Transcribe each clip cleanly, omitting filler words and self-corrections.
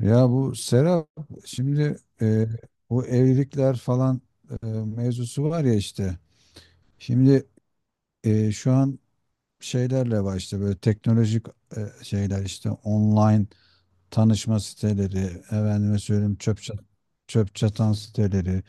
Ya bu Serap şimdi bu evlilikler falan mevzusu var ya işte. Şimdi şu an şeylerle var işte böyle teknolojik şeyler işte online tanışma siteleri, efendime söyleyeyim çöp çatan siteleri,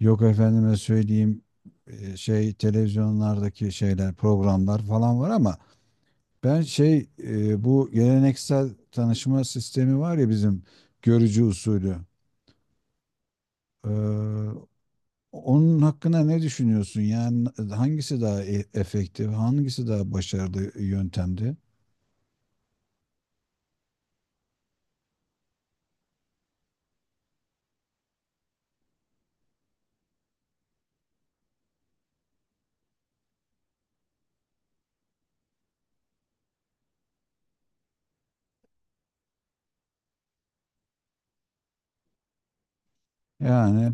yok efendime söyleyeyim şey televizyonlardaki şeyler, programlar falan var ama ben bu geleneksel tanışma sistemi var ya bizim görücü usulü. Eee, Onun hakkında ne düşünüyorsun? Yani hangisi daha efektif, hangisi daha başarılı yöntemdi? Yani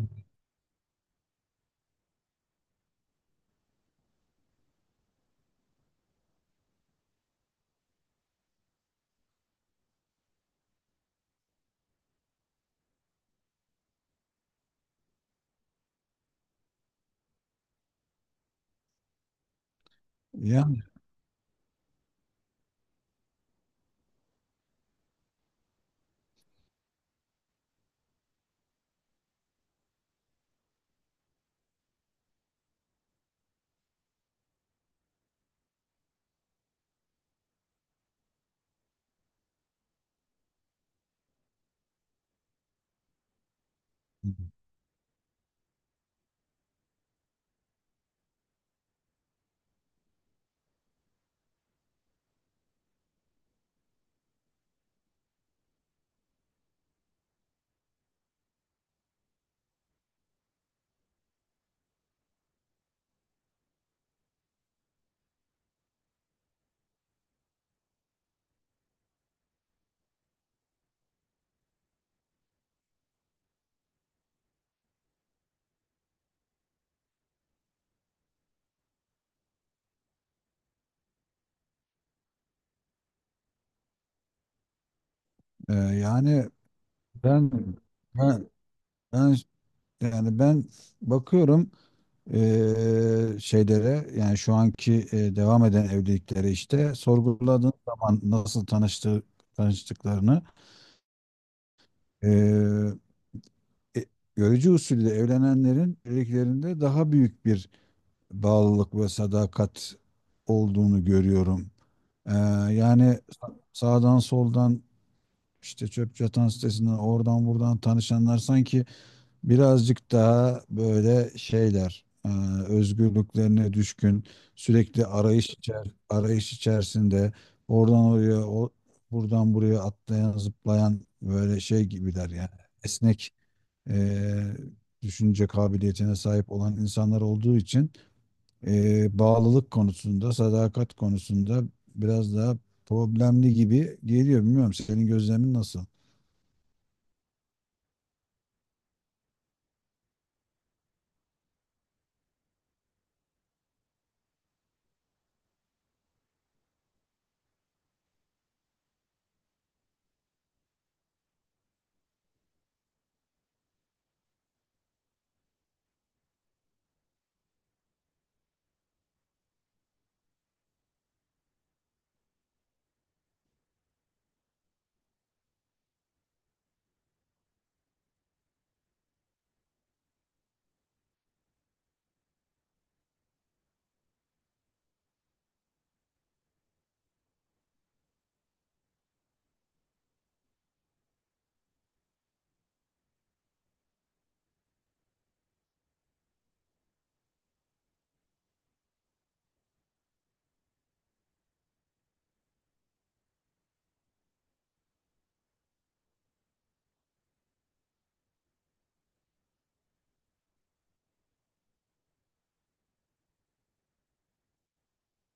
yani yani, ben ben ben ben bakıyorum şeylere, yani şu anki devam eden evliliklere, işte sorguladığın zaman nasıl tanıştıklarını eee e, görücü usulü evlenenlerin evliliklerinde daha büyük bir bağlılık ve sadakat olduğunu görüyorum. Eee, Yani sağdan soldan işte çöp çatan sitesinden oradan buradan tanışanlar sanki birazcık daha böyle şeyler özgürlüklerine düşkün, sürekli arayış içerisinde oradan oraya, buradan buraya atlayan zıplayan böyle şey gibiler yani, esnek e, düşünce kabiliyetine sahip olan insanlar olduğu için bağlılık konusunda, sadakat konusunda biraz daha problemli gibi geliyor. Bilmiyorum, senin gözlemin nasıl?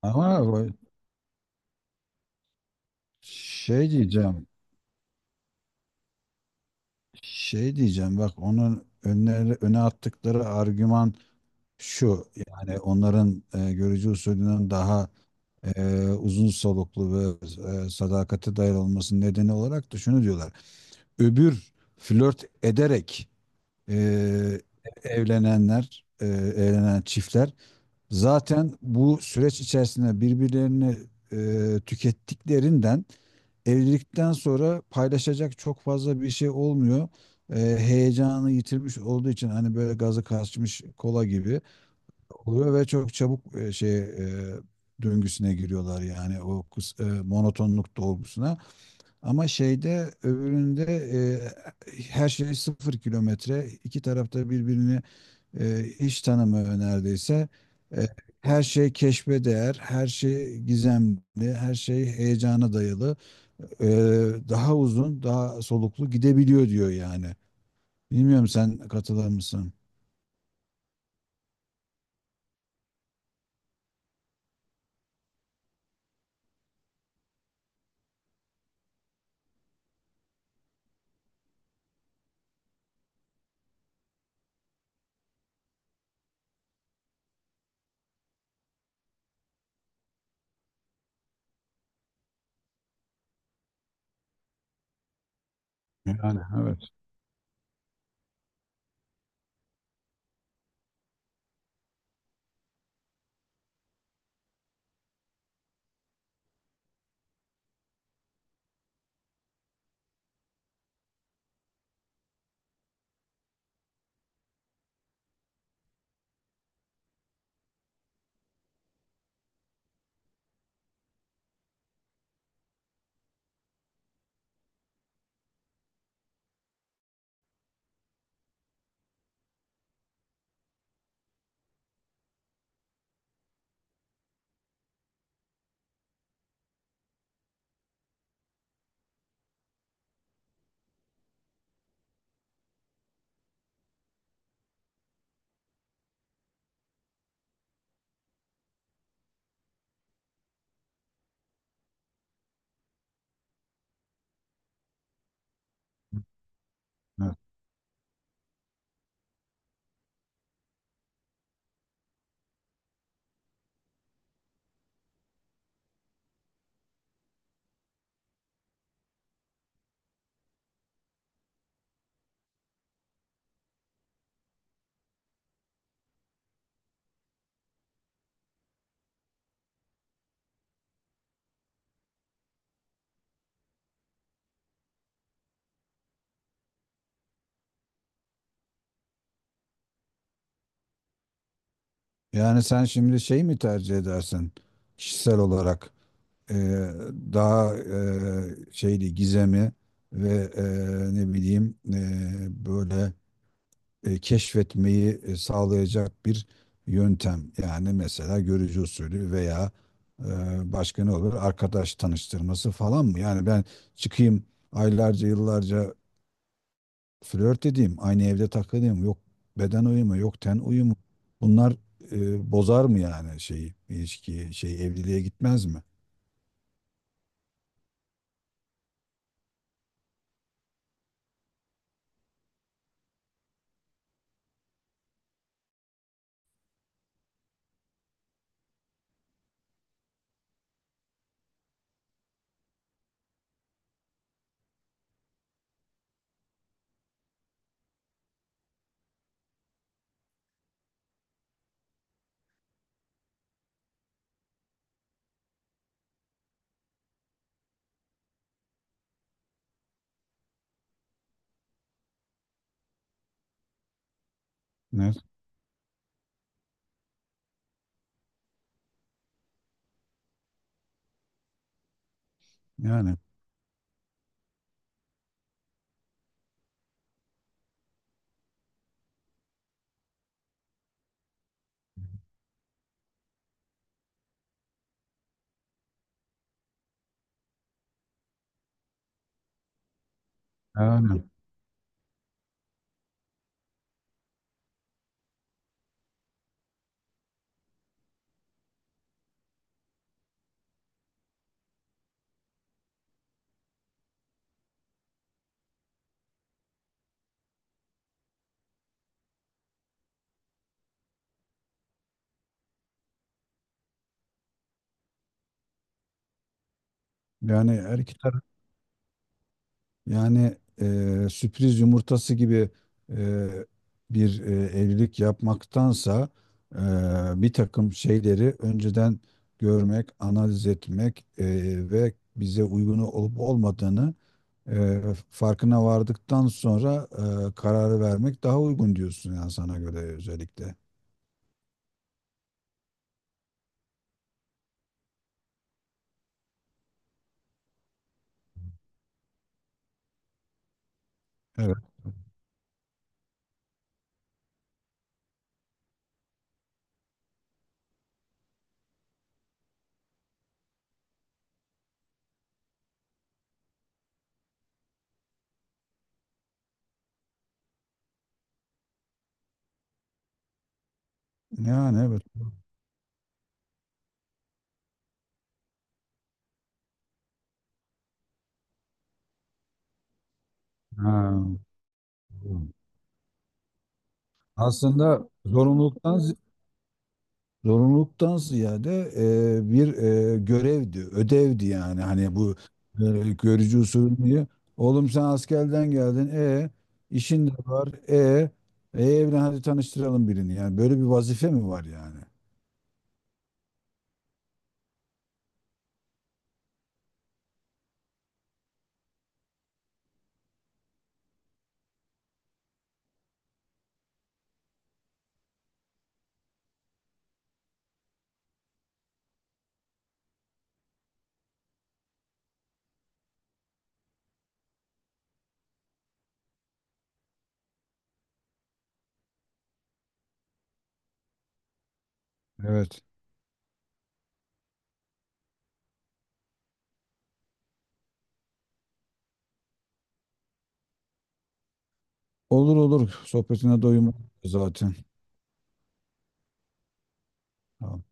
Ama şey diyeceğim. Şey diyeceğim, bak onun öne attıkları argüman şu. Yani onların görücü usulünün daha uzun soluklu ve sadakate dayalı olmasının nedeni olarak da şunu diyorlar. Öbür flört ederek e, evlenen çiftler zaten bu süreç içerisinde birbirlerini tükettiklerinden, evlilikten sonra paylaşacak çok fazla bir şey olmuyor. E, heyecanı yitirmiş olduğu için hani böyle gazı kaçmış kola gibi oluyor ve çok çabuk döngüsüne giriyorlar, yani o monotonluk dolgusuna. Ama şeyde, öbüründe her şey sıfır kilometre. İki tarafta birbirini hiç tanımıyor neredeyse. E, her şey keşfe değer, her şey gizemli, her şey heyecana dayalı. E, daha uzun, daha soluklu gidebiliyor diyor yani. Bilmiyorum, sen katılır mısın? Yani evet. Evet. Yani sen şimdi şey mi tercih edersin, kişisel olarak? e, Daha şeydi, gizemi ve ne bileyim, böyle keşfetmeyi sağlayacak bir yöntem. Yani mesela görücü usulü veya e, başka ne olur? Arkadaş tanıştırması falan mı? Yani ben çıkayım, aylarca yıllarca flört edeyim, aynı evde takılayım. Yok beden uyumu, yok ten uyumu. Bunlar bozar mı yani şeyi, ilişkiyi, şey evliliğe gitmez mi? Ne? Yani. Yani. Yani her iki taraf, yani sürpriz yumurtası gibi e, bir evlilik yapmaktansa e, bir takım şeyleri önceden görmek, analiz etmek ve bize uygun olup olmadığını e, farkına vardıktan sonra kararı vermek daha uygun diyorsun yani, sana göre özellikle. Evet. Yani evet. Ha. Aslında zorunluluktan. Zorunluluktan ziyade bir görevdi, ödevdi yani. Hani bu görücü usulü diye. Oğlum sen askerden geldin. E, işin de var. Evlen, hadi tanıştıralım birini. Yani böyle bir vazife mi var yani? Evet. Olur olur. Sohbetine doyum zaten. Tamam.